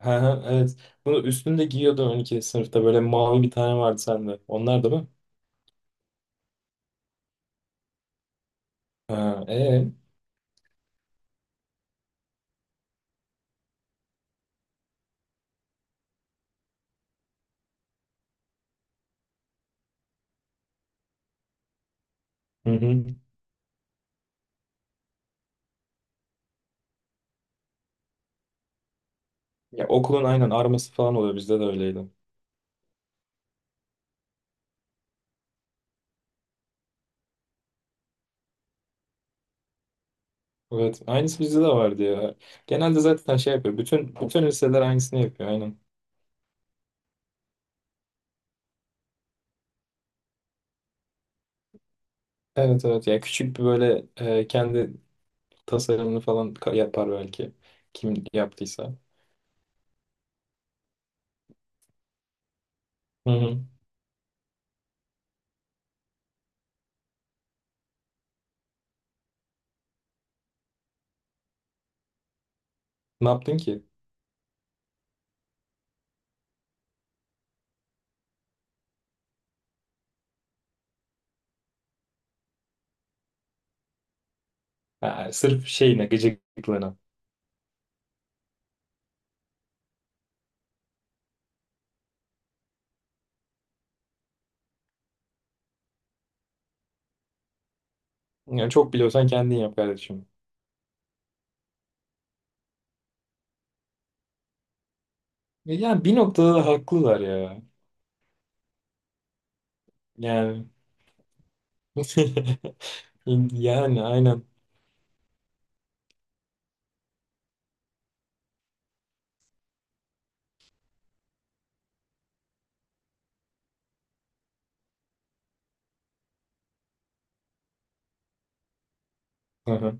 Hı hı, evet. Bunu üstünde giyiyordun 12. sınıfta. Böyle mavi bir tane vardı sende. Onlar da mı? Ha, ee? Hı hı. Ya okulun aynen arması falan oluyor. Bizde de öyleydi. Evet. Aynısı bizde de vardı ya. Genelde zaten şey yapıyor. Bütün liseler aynısını yapıyor. Aynen. Evet, evet. Ya küçük bir böyle, kendi tasarımını falan yapar belki. Kim yaptıysa. Hı hı. Ne yaptın ki? Ha, sırf şeyine, gıcıklığına. Yani çok biliyorsan kendin yap kardeşim. E, yani bir noktada da haklılar ya. Yani Yani aynen. Aha.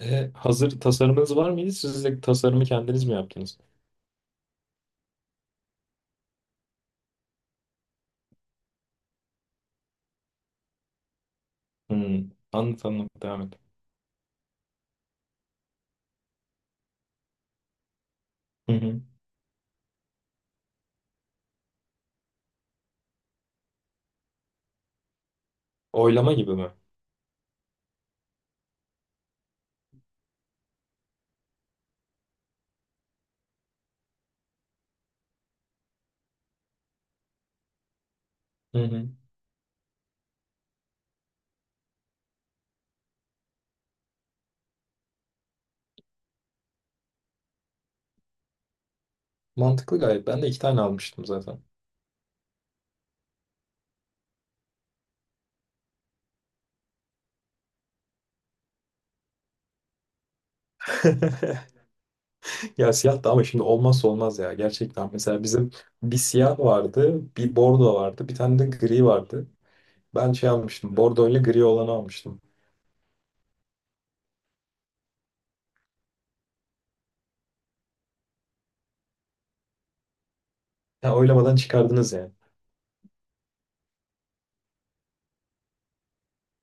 E, hazır tasarımınız var mıydı? Siz de tasarımı kendiniz mi yaptınız? Hmm. Anlat anlat, devam et. Hı hı. Oylama gibi mi? Hı hı. Mantıklı gayet. Ben de iki tane almıştım zaten. Ya siyah da ama şimdi olmazsa olmaz ya. Gerçekten mesela bizim bir siyah vardı, bir bordo vardı, bir tane de gri vardı. Ben şey almıştım. Bordo ile gri olanı almıştım. Ya oylamadan çıkardınız yani.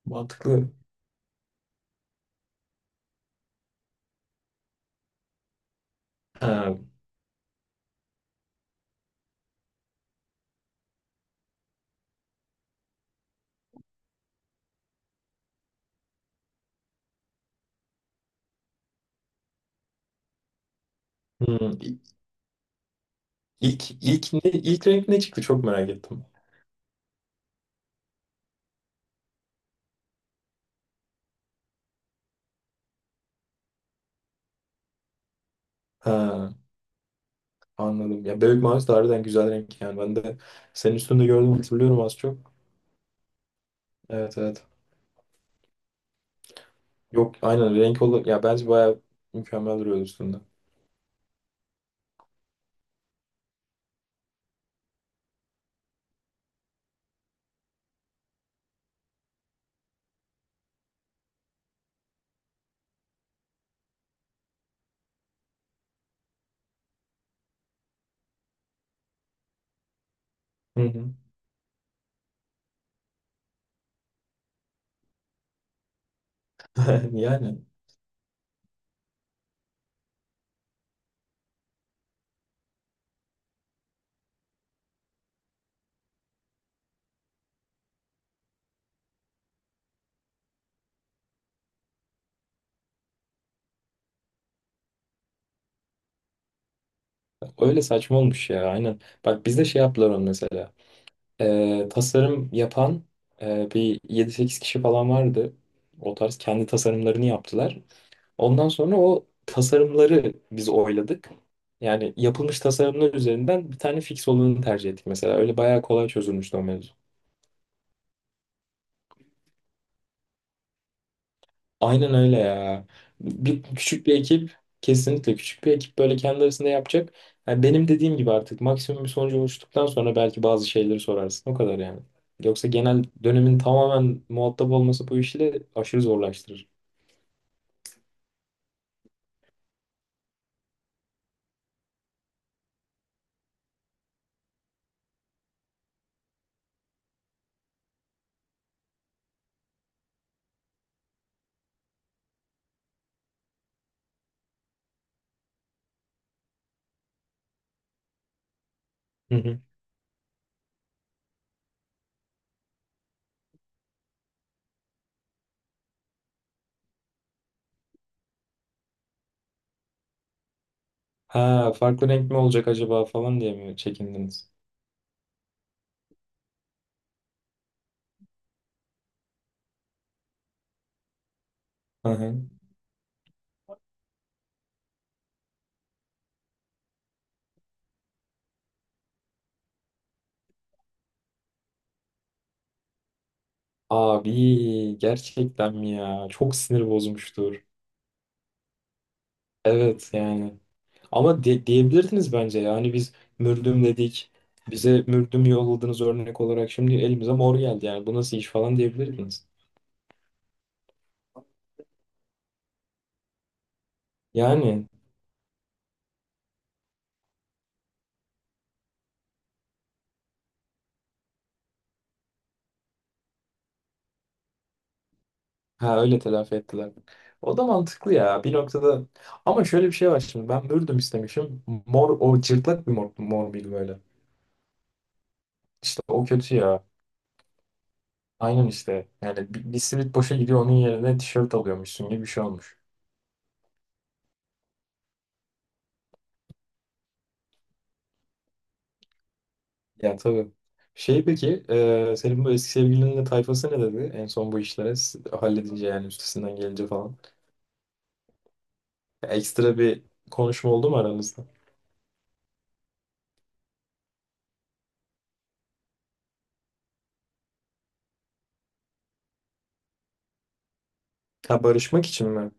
Mantıklı. Ha. Hmm. İlk renk ne çıktı, çok merak ettim. Ha, anladım. Ya bebek mavisi de harbiden güzel renk yani. Ben de senin üstünde gördüm, hatırlıyorum az çok. Evet, evet. Yok, aynen renk olur. Ya bence bayağı mükemmel duruyor üstünde. Hı hı. Yani öyle saçma olmuş ya, aynen. Bak, bizde şey yaptılar onu mesela. Tasarım yapan, bir yedi sekiz kişi falan vardı. O tarz kendi tasarımlarını yaptılar. Ondan sonra o tasarımları biz oyladık. Yani yapılmış tasarımlar üzerinden bir tane fix olanı tercih ettik mesela. Öyle bayağı kolay çözülmüştü o mevzu. Aynen öyle ya. Küçük bir ekip, kesinlikle küçük bir ekip böyle kendi arasında yapacak. Yani benim dediğim gibi artık maksimum bir sonuca ulaştıktan sonra belki bazı şeyleri sorarsın. O kadar yani. Yoksa genel dönemin tamamen muhatap olması bu işle aşırı zorlaştırır. Hı hı. Ha, farklı renk mi olacak acaba falan diye mi çekindiniz? Hı hı. Abi gerçekten mi ya? Çok sinir bozmuştur. Evet yani. Ama diyebilirdiniz bence, yani biz mürdüm dedik. Bize mürdüm yolladınız örnek olarak. Şimdi elimize mor geldi yani. Bu nasıl iş falan diyebilirdiniz. Yani ha, öyle telafi ettiler. O da mantıklı ya bir noktada. Ama şöyle bir şey var şimdi. Ben mürdüm istemişim. Mor o cırtlak bir mor, mor bir böyle. İşte o kötü ya. Aynen işte. Yani bir simit boşa gidiyor, onun yerine tişört alıyormuşsun gibi bir şey olmuş. Ya tabii. Şey peki, senin bu eski sevgilinin de tayfası ne dedi? En son bu işlere halledince, yani üstesinden gelince falan. Ya ekstra bir konuşma oldu mu aranızda? Ha, barışmak için mi?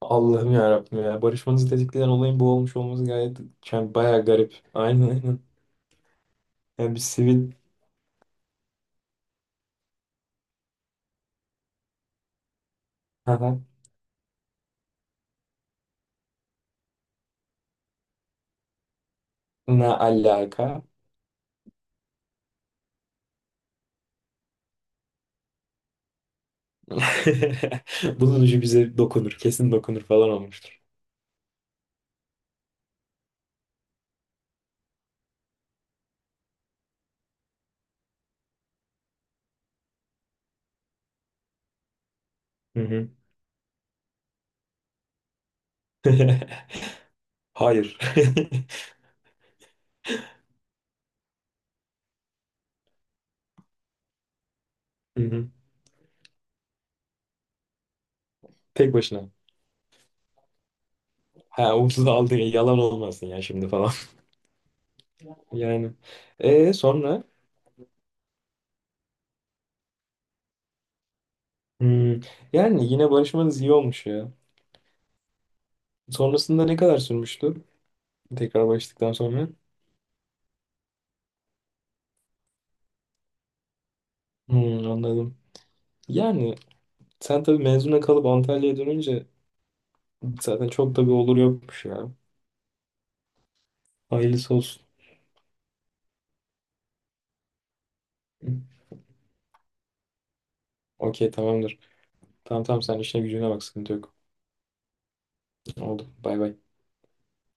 Allah'ım ya Rabbim ya. Barışmanızı tetikleyen olayın bu olmuş olması gayet, yani bayağı garip. Aynen aynen. Yani bir sivil. Aha. Ne alaka? Bunun ucu bize dokunur. Kesin dokunur falan olmuştur. Hı hı. Hayır. Hı hı. Tek başına. Ha, ucuz aldı, yalan olmasın ya şimdi falan. Yani, e sonra. Hmm, yani yine barışmanız iyi olmuş ya. Sonrasında ne kadar sürmüştü? Tekrar barıştıktan sonra. Hmm, anladım. Yani sen tabii mezuna kalıp Antalya'ya dönünce zaten çok da bir olur yokmuş ya. Hayırlısı olsun. Okey, tamamdır. Tamam tamam, sen işine gücüne bak, sıkıntı yok. Oldu. Bay bay.